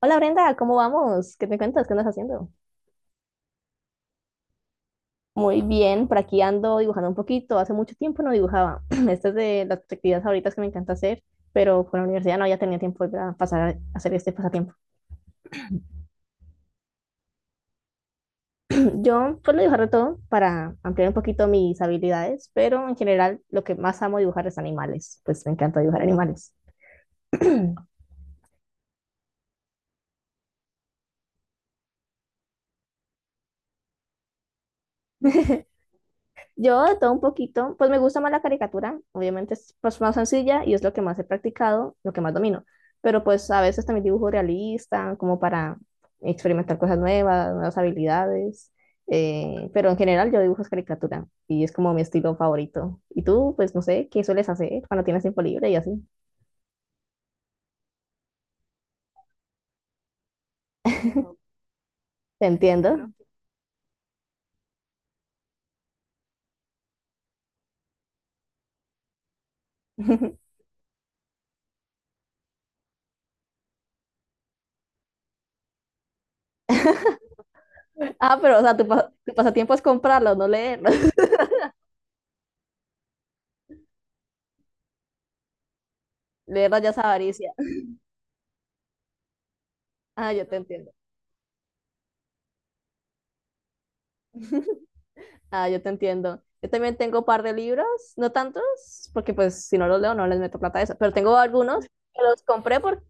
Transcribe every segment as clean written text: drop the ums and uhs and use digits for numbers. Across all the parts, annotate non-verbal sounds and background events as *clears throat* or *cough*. Hola Brenda, ¿cómo vamos? ¿Qué me cuentas? ¿Qué andas haciendo? Muy bien, por aquí ando dibujando un poquito. Hace mucho tiempo no dibujaba. *clears throat* Esta es de las actividades favoritas que me encanta hacer, pero por la universidad no había tenido tiempo para pasar a hacer este pasatiempo. *clears throat* Yo suelo dibujar de todo para ampliar un poquito mis habilidades, pero en general lo que más amo dibujar es animales. Pues me encanta dibujar animales. *clears throat* Yo de todo un poquito, pues me gusta más la caricatura, obviamente es pues, más sencilla y es lo que más he practicado, lo que más domino, pero pues a veces también dibujo realista, como para experimentar cosas nuevas, nuevas habilidades, pero en general yo dibujo es caricatura y es como mi estilo favorito. Y tú, pues no sé, ¿qué sueles hacer cuando tienes tiempo libre y así? Te entiendo. *laughs* Ah, pero o sea, tu pasatiempo es comprarlos, no leerlos. *laughs* Leerlos ya es avaricia. Ah, yo te entiendo. Ah, yo te entiendo. Yo también tengo un par de libros, no tantos, porque pues si no los leo no les meto plata a eso, pero tengo algunos que los compré por...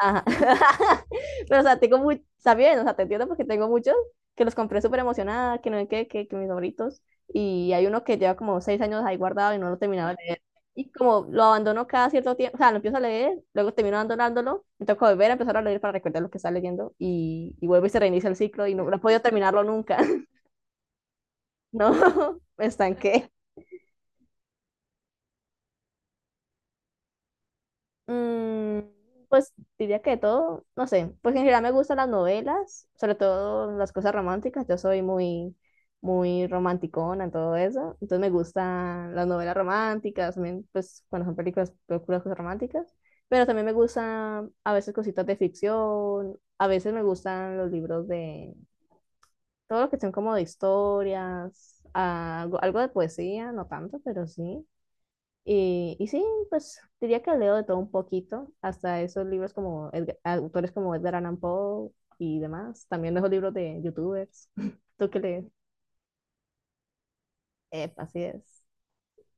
Ajá. *laughs* Pero o sea, tengo muy... Está bien, o sea, te entiendo porque tengo muchos que los compré súper emocionada, que no sé qué, que mis favoritos. Y hay uno que lleva como 6 años ahí guardado y no lo he terminado de leer. Y como lo abandono cada cierto tiempo, o sea, lo empiezo a leer, luego termino abandonándolo, me toca volver a empezar a leer para recordar lo que está leyendo y vuelvo y se reinicia el ciclo y no, no he podido terminarlo nunca, *laughs* ¿no? *laughs* Me estanqué. Mm, pues diría que de todo, no sé, pues en general me gustan las novelas, sobre todo las cosas románticas, yo soy muy, muy romanticona en todo eso, entonces me gustan las novelas románticas, también, pues cuando son películas, películas cosas románticas, pero también me gustan a veces cositas de ficción, a veces me gustan los libros de todo lo que son como de historias, algo, algo de poesía, no tanto, pero sí. Y sí, pues diría que leo de todo un poquito, hasta esos libros como autores como Edgar Allan Poe y demás. También dejo libros de youtubers. *laughs* ¿Tú qué lees? Epa, así es.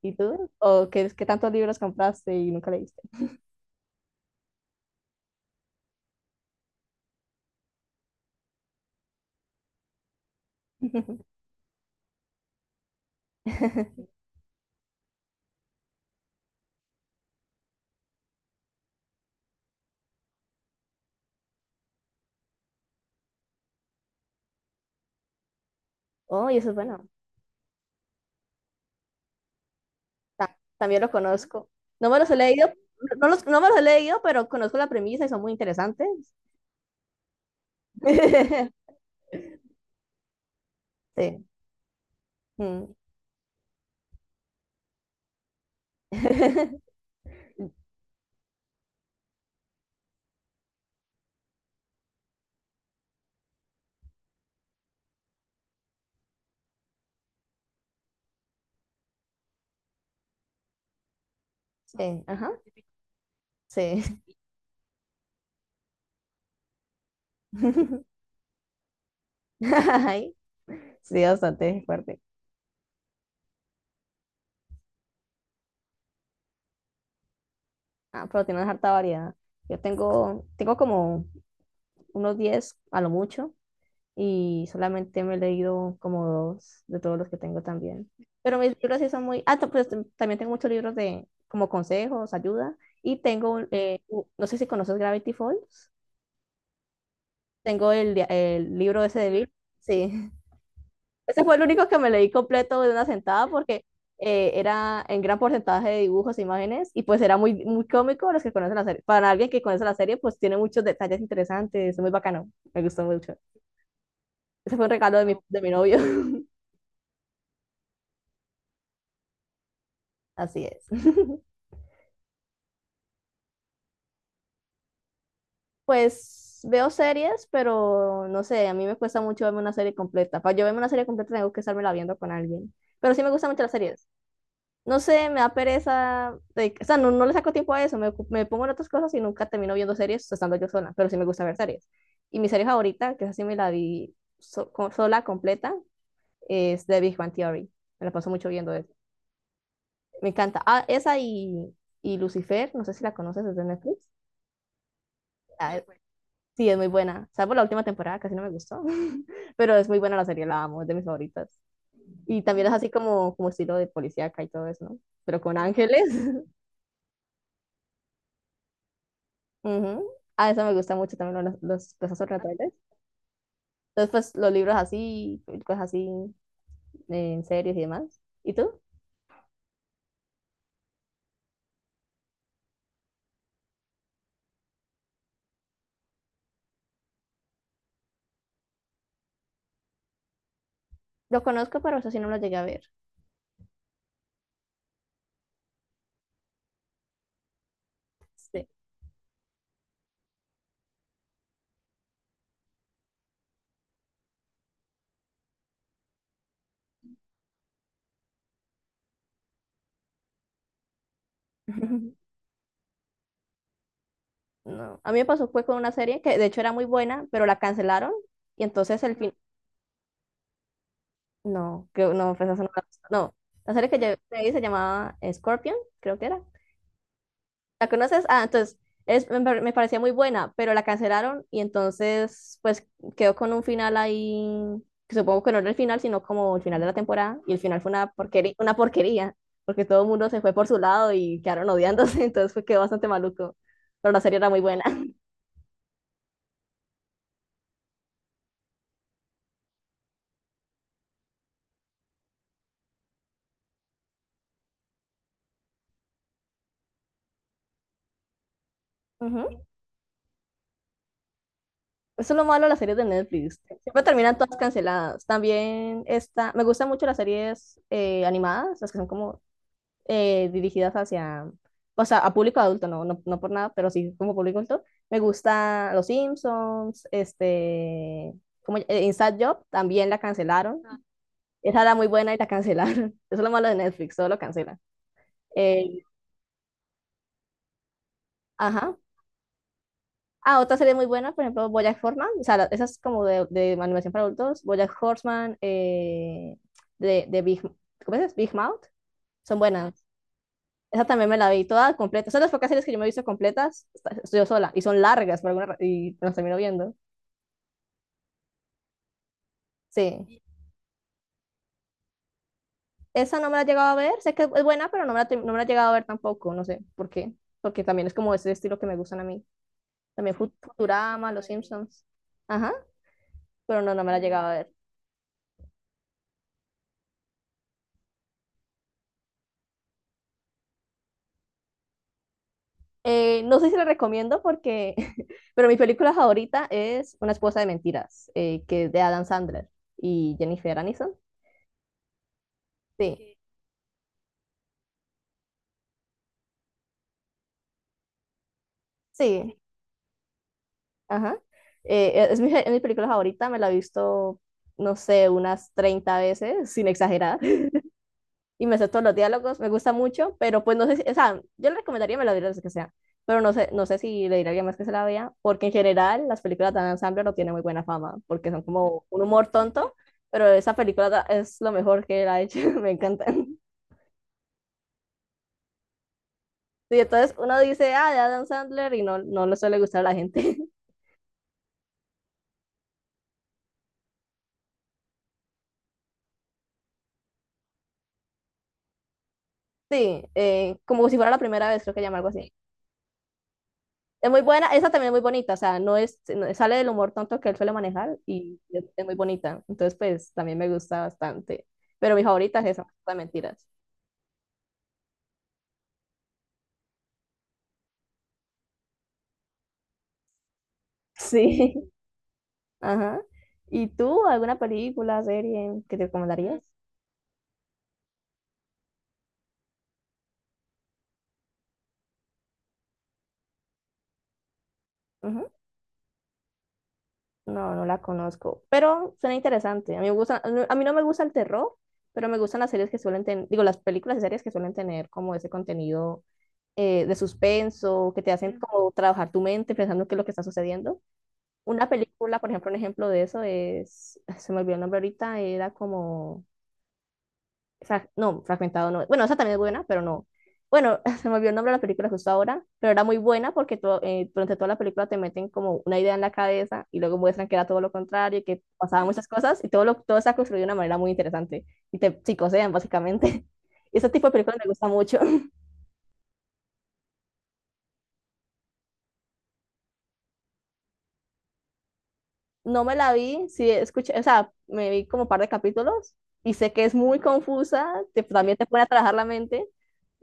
¿Y tú? ¿O qué, tantos libros compraste y nunca leíste? *laughs* Oh, y eso es bueno. También lo conozco. No me los he leído, no, no los, no me los he leído, pero conozco la premisa y son muy interesantes. *laughs* Sí. Mm. *laughs* Sí, ajá. Sí. *laughs* Ay, sí, bastante fuerte. Ah, pero tienes harta variedad. Yo tengo como unos 10 a lo mucho y solamente me he leído como dos de todos los que tengo también. Pero mis libros sí son muy... Ah, también tengo muchos libros de como consejos, ayuda. Y tengo, un, no sé si conoces Gravity Falls. Tengo el, el libro ese de Bill. Sí. Ese fue el único que me leí completo de una sentada porque era en gran porcentaje de dibujos e imágenes y pues era muy, muy cómico los que conocen la serie. Para alguien que conoce la serie, pues tiene muchos detalles interesantes, es muy bacano, me gustó mucho. Ese fue un regalo de mi novio. *laughs* Así es. *laughs* Pues veo series, pero no sé, a mí me cuesta mucho verme una serie completa. Para yo verme una serie completa tengo que estármela viendo con alguien. Pero sí me gustan mucho las series. No sé, me da pereza, de- o sea, no, no le saco tiempo a eso, me pongo en otras cosas y nunca termino viendo series estando yo sola, pero sí me gusta ver series. Y mi serie favorita, que es así me la vi sola, completa, es The Big Bang Theory. Me la paso mucho viendo eso. Me encanta. Ah, esa y Lucifer, no sé si la conoces desde Netflix. Bueno. Sí, es muy buena. Salvo la última temporada, casi no me gustó, *laughs* pero es muy buena la serie, la amo, es de mis favoritas. Y también es así como, como estilo de policíaca y todo eso, ¿no? Pero con sí, ángeles. *laughs* Ujú. Ah, eso me gusta mucho también, los sobrenaturales. Entonces, pues los libros así, cosas así, en series y demás. ¿Y tú? Lo conozco, pero eso sí no lo llegué a ver. Sí. *laughs* No. A mí me pasó fue con una serie que de hecho era muy buena, pero la cancelaron y entonces el fin... No, creo, no, pues, esa no, no. La serie que yo me vi se llamaba Scorpion, creo que era. ¿La conoces? Ah, entonces es, me parecía muy buena, pero la cancelaron y entonces pues quedó con un final ahí, que supongo que no era el final, sino como el final de la temporada y el final fue una porquería, porque todo el mundo se fue por su lado y quedaron odiándose, *laughs* entonces fue, quedó bastante maluco, pero la serie era muy buena. *laughs* Ujú. Eso es lo malo de las series de Netflix, siempre terminan todas canceladas. También esta, me gustan mucho las series animadas, las que son como dirigidas hacia, o sea, a público adulto, no, no, no por nada, pero sí como público adulto. Me gusta Los Simpsons, este, como Inside Job, también la cancelaron. Ah. Esa era muy buena y la cancelaron. *laughs* Eso es lo malo de Netflix, todo lo cancelan. Eh, ajá. Ah, otra serie muy buena, por ejemplo, BoJack Horseman, o sea, esa es como de animación para adultos, BoJack Horseman, de Big, ¿cómo es? Big Mouth, son buenas. Esa también me la vi toda completa. Son las pocas series que yo me he visto completas, estoy yo sola, y son largas por alguna y me las termino viendo. Sí. Esa no me la he llegado a ver, sé que es buena, pero no me la, no me la he llegado a ver tampoco, no sé por qué, porque también es como ese estilo que me gustan a mí. También Futurama, Los Simpsons. Ajá, pero no, no me la he llegado a ver. No sé si la recomiendo porque, *laughs* pero mi película favorita es Una esposa de mentiras, que es de Adam Sandler y Jennifer Aniston. Sí, sí, ajá. Es mi película favorita, me la he visto, no sé, unas 30 veces, sin exagerar, *laughs* y me sé todos los diálogos, me gusta mucho, pero pues no sé, si- o sea, yo le recomendaría me la viera las que sea, pero no sé, no sé si le diría a alguien más que se la vea, porque en general las películas de Adam Sandler no tienen muy buena fama, porque son como un humor tonto, pero esa película es lo mejor que él ha hecho, *laughs* me encanta. Sí, entonces uno dice, ah, de Adam Sandler, y no, no le suele gustar a la gente. *laughs* Sí, como si fuera la primera vez, creo que llama algo así. Es muy buena, esa también es muy bonita, o sea, no es, sale del humor tonto que él suele manejar y es muy bonita. Entonces, pues también me gusta bastante. Pero mi favorita es esa, las mentiras. Sí, *laughs* ajá. ¿Y tú, alguna película, serie que te recomendarías? Ujú. No, no la conozco, pero suena interesante. A mí me gusta, a mí no me gusta el terror, pero me gustan las series que suelen tener, digo, las películas y series que suelen tener como ese contenido de suspenso, que te hacen como trabajar tu mente pensando qué es lo que está sucediendo. Una película, por ejemplo, un ejemplo de eso es, *laughs* se me olvidó el nombre ahorita, era como, no, fragmentado no, bueno, esa también es buena, pero no. Bueno, *laughs* se me olvidó el nombre de la película justo ahora, pero era muy buena porque durante toda la película te meten como una idea en la cabeza y luego muestran que era todo lo contrario, que pasaban muchas cosas y todo, lo, todo está construido de una manera muy interesante y te psicosean básicamente. *laughs* Y ese tipo de películas me gusta mucho. *laughs* No me la vi, sí escuché, o sea, me vi como un par de capítulos y sé que es muy confusa, también te pone a trabajar la mente,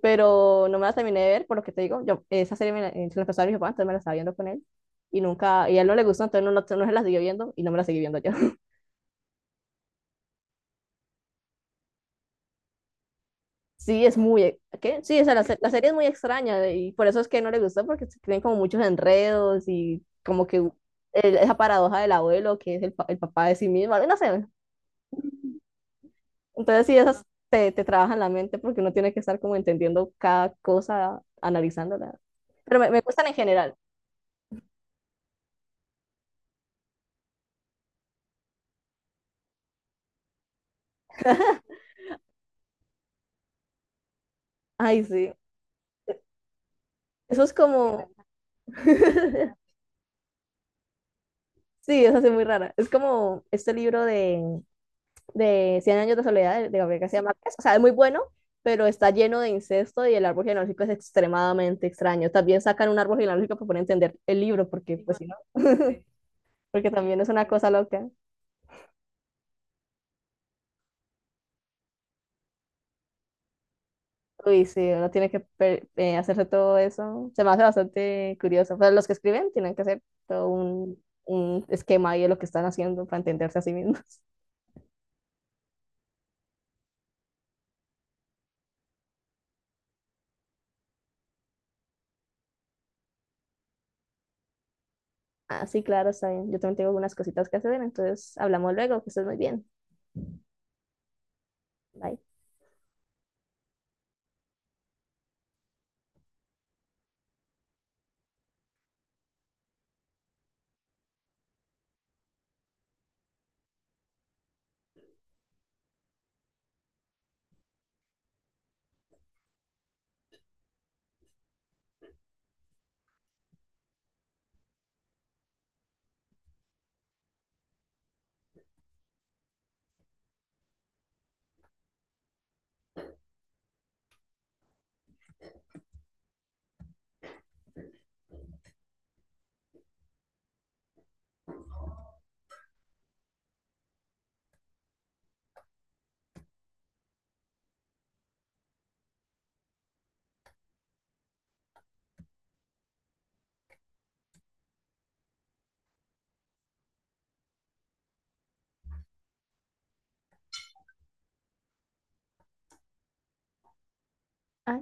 pero no me la terminé de ver, por lo que te digo, yo, esa serie me la, se la empezó a ver mi papá, entonces me la estaba viendo con él, y nunca, y a él no le gustó, entonces no, no, no se la siguió viendo, y no me la seguí viendo yo. *laughs* Sí, es muy, e, ¿qué? Sí, o sea, la, la serie es muy extraña, y por eso es que no le gustó, porque tienen como muchos enredos, y como que esa paradoja del abuelo, que es el, el papá de sí mismo, no sé, entonces sí, esas te, te trabajan la mente, porque uno tiene que estar como entendiendo cada cosa, analizándola, pero me gustan en general, ay, sí, eso es como... *laughs* Sí, es así muy rara. Es como este libro de Cien años de soledad de Gabriel García Márquez. O sea, es muy bueno, pero está lleno de incesto y el árbol genealógico es extremadamente extraño. También sacan un árbol genealógico para poder entender el libro, porque pues si no, porque también es una cosa loca. Uy, sí, uno tiene que hacerse todo eso. Se me hace bastante curioso. Pero los que escriben tienen que hacer todo un esquema ahí de lo que están haciendo para entenderse a sí mismos. *laughs* Ah, sí, claro, está bien. Yo también tengo algunas cositas que hacer, entonces hablamos luego, que estés muy bien. Bye. Ah,